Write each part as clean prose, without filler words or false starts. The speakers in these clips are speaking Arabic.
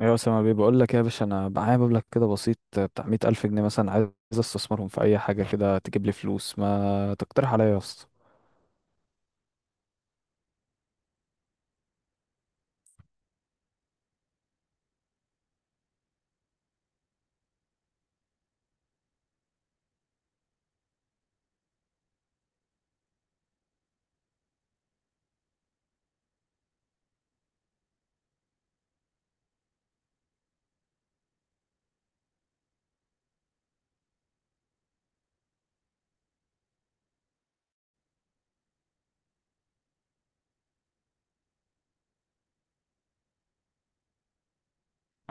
ايوه، اسامه بيه بقول لك إيه يا باشا؟ انا معايا مبلغ كده بسيط بتاع 100 الف جنيه مثلا، عايز استثمرهم في اي حاجه كده تجيب لي فلوس. ما تقترح عليا يا اسطى؟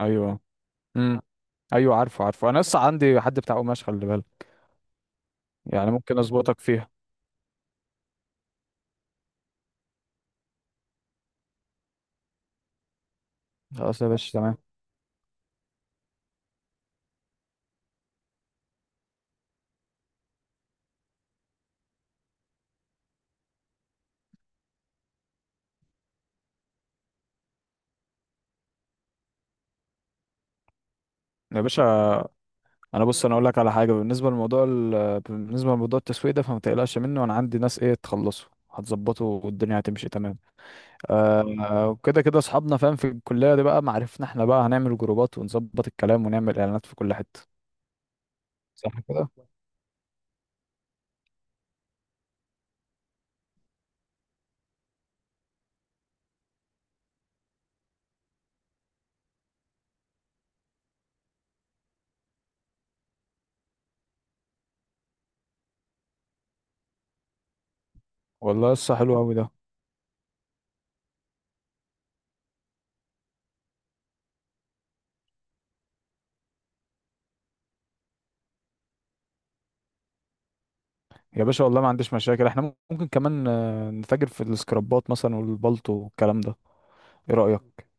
ايوه. امم ايوه، عارفه عارفه، انا لسه عندي حد بتاع قماش، خلي بالك. يعني ممكن اظبطك فيها. خلاص يا باشا، تمام. يا باشا انا بص، انا اقول لك على حاجه، بالنسبه لموضوع بالنسبه لموضوع التسويق ده، فما تقلقش منه، انا عندي ناس ايه تخلصه هتظبطه والدنيا هتمشي تمام. وكده كده اصحابنا فاهم في الكليه دي بقى، معرفنا احنا بقى هنعمل جروبات ونظبط الكلام ونعمل اعلانات في كل حته. صح كده. والله لسه حلو قوي ده. يا باشا والله ما عنديش مشاكل، احنا ممكن كمان نتاجر في السكرابات مثلا والبلطو والكلام ده. ايه رأيك؟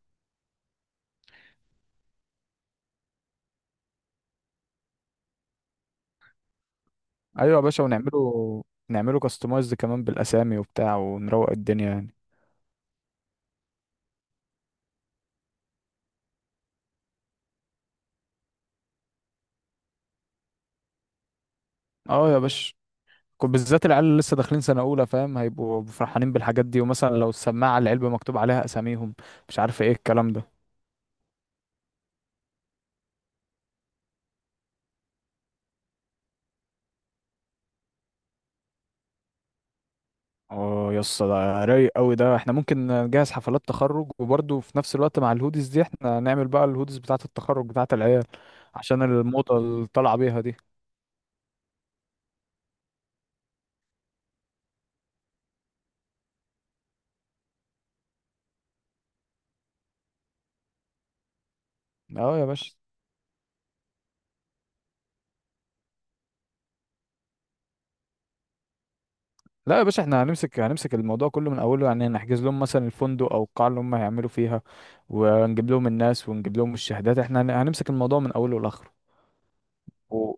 ايوه يا باشا، ونعمله كاستمايزد كمان بالاسامي وبتاع، ونروق الدنيا يعني. اه يا باشا، كنت بالذات العيال اللي لسه داخلين سنة أولى فاهم، هيبقوا فرحانين بالحاجات دي، ومثلا لو السماعة العلبة مكتوب عليها أساميهم، مش عارف ايه الكلام ده. اه يا اسطى، ده رايق قوي ده، احنا ممكن نجهز حفلات تخرج، وبرضه في نفس الوقت مع الهوديز دي احنا نعمل بقى الهوديز بتاعة التخرج بتاعة العيال، عشان الموضة اللي طالعة بيها دي. اه يا باشا. لا يا باشا، احنا هنمسك الموضوع كله من اوله، يعني نحجز لهم مثلا الفندق او القاعة اللي هم هيعملوا فيها، ونجيب لهم الناس، ونجيب لهم الشهادات، احنا هنمسك الموضوع من اوله لاخره. و...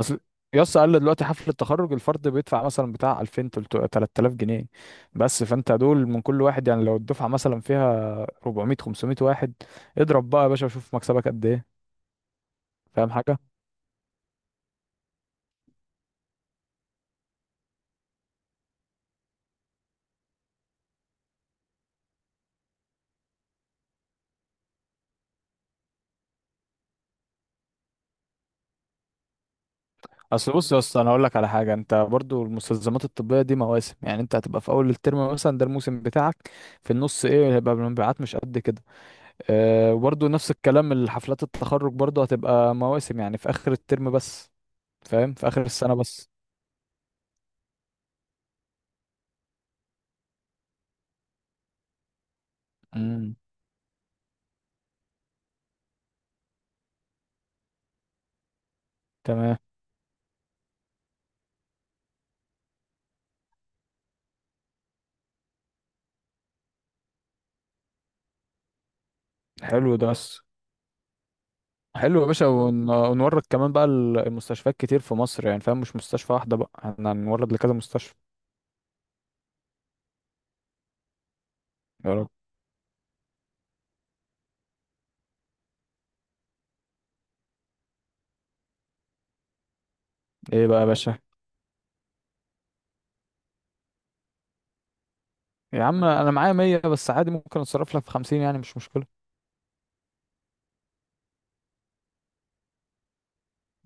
اصل يا اسطى قال لي دلوقتي حفلة التخرج الفرد بيدفع مثلا بتاع 2000 3000 جنيه بس، فانت دول من كل واحد، يعني لو الدفعة مثلا فيها 400 500 واحد، اضرب بقى يا باشا وشوف مكسبك قد ايه. فاهم حاجه؟ اصل بص يا اسطى، انا اقول لك على حاجه، انت برضو المستلزمات الطبيه دي مواسم، يعني انت هتبقى في اول الترم مثلا ده الموسم بتاعك، في النص ايه هيبقى المبيعات مش قد كده. أه، وبرضو نفس الكلام، الحفلات التخرج برضو هتبقى مواسم، يعني في اخر الترم بس، فاهم؟ في اخر السنه بس. امم. تمام. حلو ده. بس حلو يا باشا، ونورد كمان بقى المستشفيات كتير في مصر، يعني فاهم مش مستشفى واحده بقى، احنا هنورد لكذا مستشفى. يا رب. ايه بقى يا باشا؟ يا عم انا معايا 100 بس، عادي ممكن اتصرف لك في 50، يعني مش مشكله.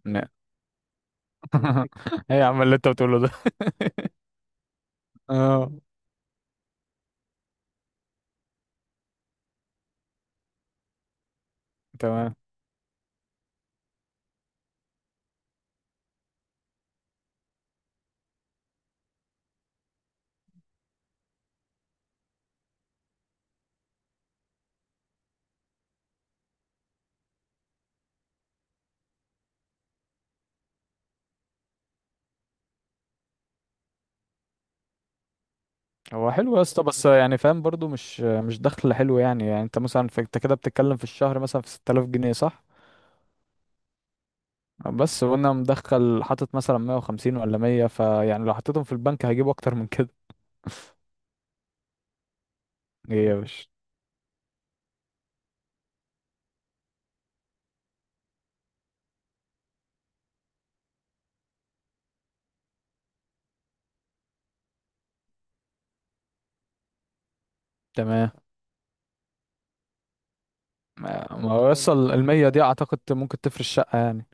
لا. ايه يا عم اللي انت بتقوله ده؟ اه. تمام. هو حلو يا اسطى، بس يعني فاهم برضو مش دخل حلو، يعني انت مثلا، في انت كده بتتكلم في الشهر مثلا في 6000 جنيه صح؟ بس وانا مدخل حاطط مثلا 150 ولا 100، فيعني لو حطيتهم في البنك هجيب اكتر من كده. ايه يا باشا؟ تمام. ما هو يوصل ال 100 دي اعتقد ممكن تفرش شقه يعني.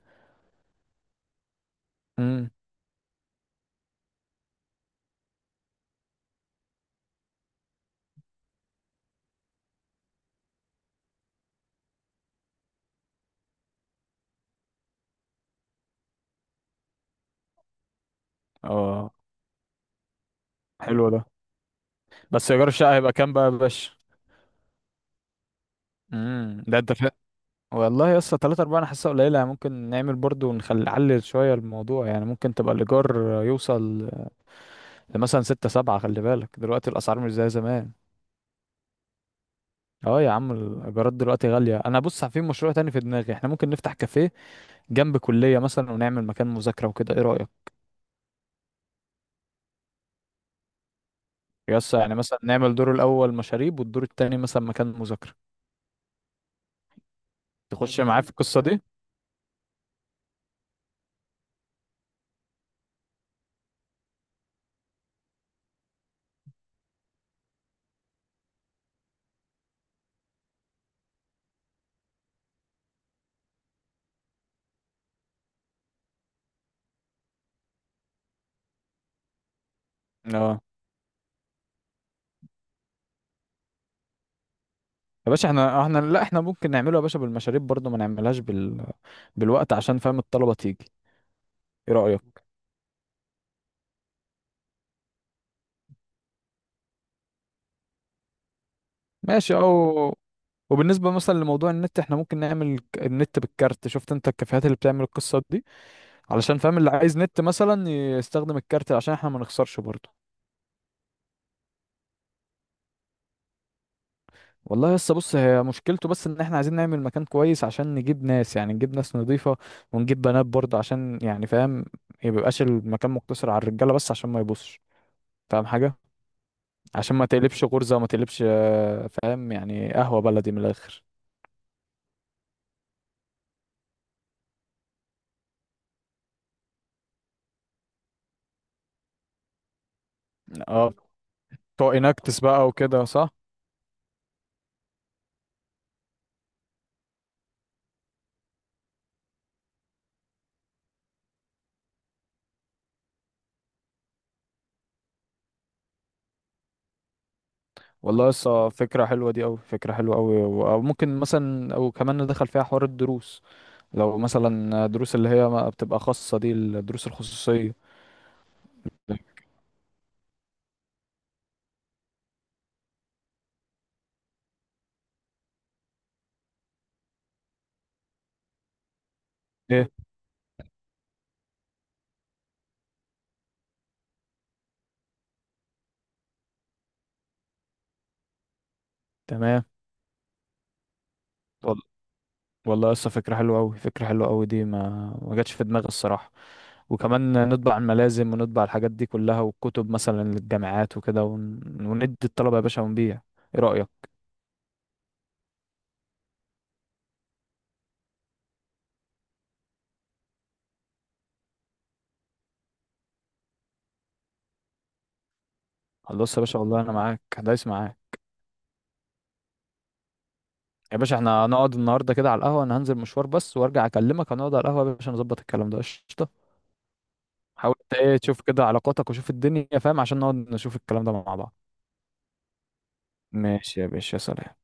امم. اه. حلو ده. بس ايجار الشقه هيبقى كام بقى يا باشا؟ ده انت، والله يا اسطى تلاتة أربعة أنا حاسسها قليلة يعني، ممكن نعمل برضو ونخلي نعلل شوية الموضوع، يعني ممكن تبقى الإيجار يوصل لمثلا ستة سبعة، خلي بالك دلوقتي الأسعار مش زي زمان. اه يا عم، الإيجارات دلوقتي غالية. أنا بص، في مشروع تاني في دماغي، احنا ممكن نفتح كافيه جنب كلية مثلا، ونعمل مكان مذاكرة وكده، ايه رأيك؟ يا اسطى يعني مثلا نعمل دور الأول مشاريب، والدور التاني مثلا مكان مذاكرة. طب تخش ما معايا في حلو القصة دي. اه يا باشا، احنا لا، احنا ممكن نعمله يا باشا بالمشاريب برضو، ما نعملهاش بالوقت، عشان فاهم الطلبة تيجي. ايه رأيك؟ ماشي، او وبالنسبة مثلا لموضوع النت، احنا ممكن نعمل النت بالكارت. شفت انت الكافيهات اللي بتعمل القصات دي؟ علشان فاهم اللي عايز نت مثلا يستخدم الكارت، عشان احنا ما نخسرش برضه. والله لسه بص، هي مشكلته بس ان احنا عايزين نعمل مكان كويس عشان نجيب ناس، يعني نجيب ناس نضيفة، ونجيب بنات برضه، عشان يعني فاهم ميبقاش المكان مقتصر على الرجالة بس، عشان ما يبصش فاهم حاجة، عشان ما تقلبش غرزة وما تقلبش، فاهم يعني قهوة بلدي من الآخر. اه، بتوع اناكتس بقى وكده، صح؟ والله لسه فكرة حلوة دي أوي، فكرة حلوة أوي، أو ممكن مثلا أو كمان ندخل فيها حوار الدروس، لو مثلا دروس اللي هي ما بتبقى خاصة دي، الدروس الخصوصية. إيه؟ تمام. وال- والله لسه فكرة حلوة أوي، فكرة حلوة أوي دي ما جاتش في دماغي الصراحة. وكمان نطبع الملازم، ونطبع الحاجات دي كلها والكتب مثلا للجامعات وكده، وندي الطلبة يا باشا ونبيع. إيه رأيك؟ خلاص يا باشا، والله أنا معاك، دايس معاك. يا باشا احنا هنقعد النهارده كده على القهوه، انا هنزل مشوار بس وارجع اكلمك، هنقعد على القهوه يا باشا نظبط الكلام ده، قشطه. حاول انت ايه تشوف كده علاقاتك، وشوف الدنيا فاهم، عشان نقعد نشوف الكلام ده مع بعض. ماشي يا باشا، سلام.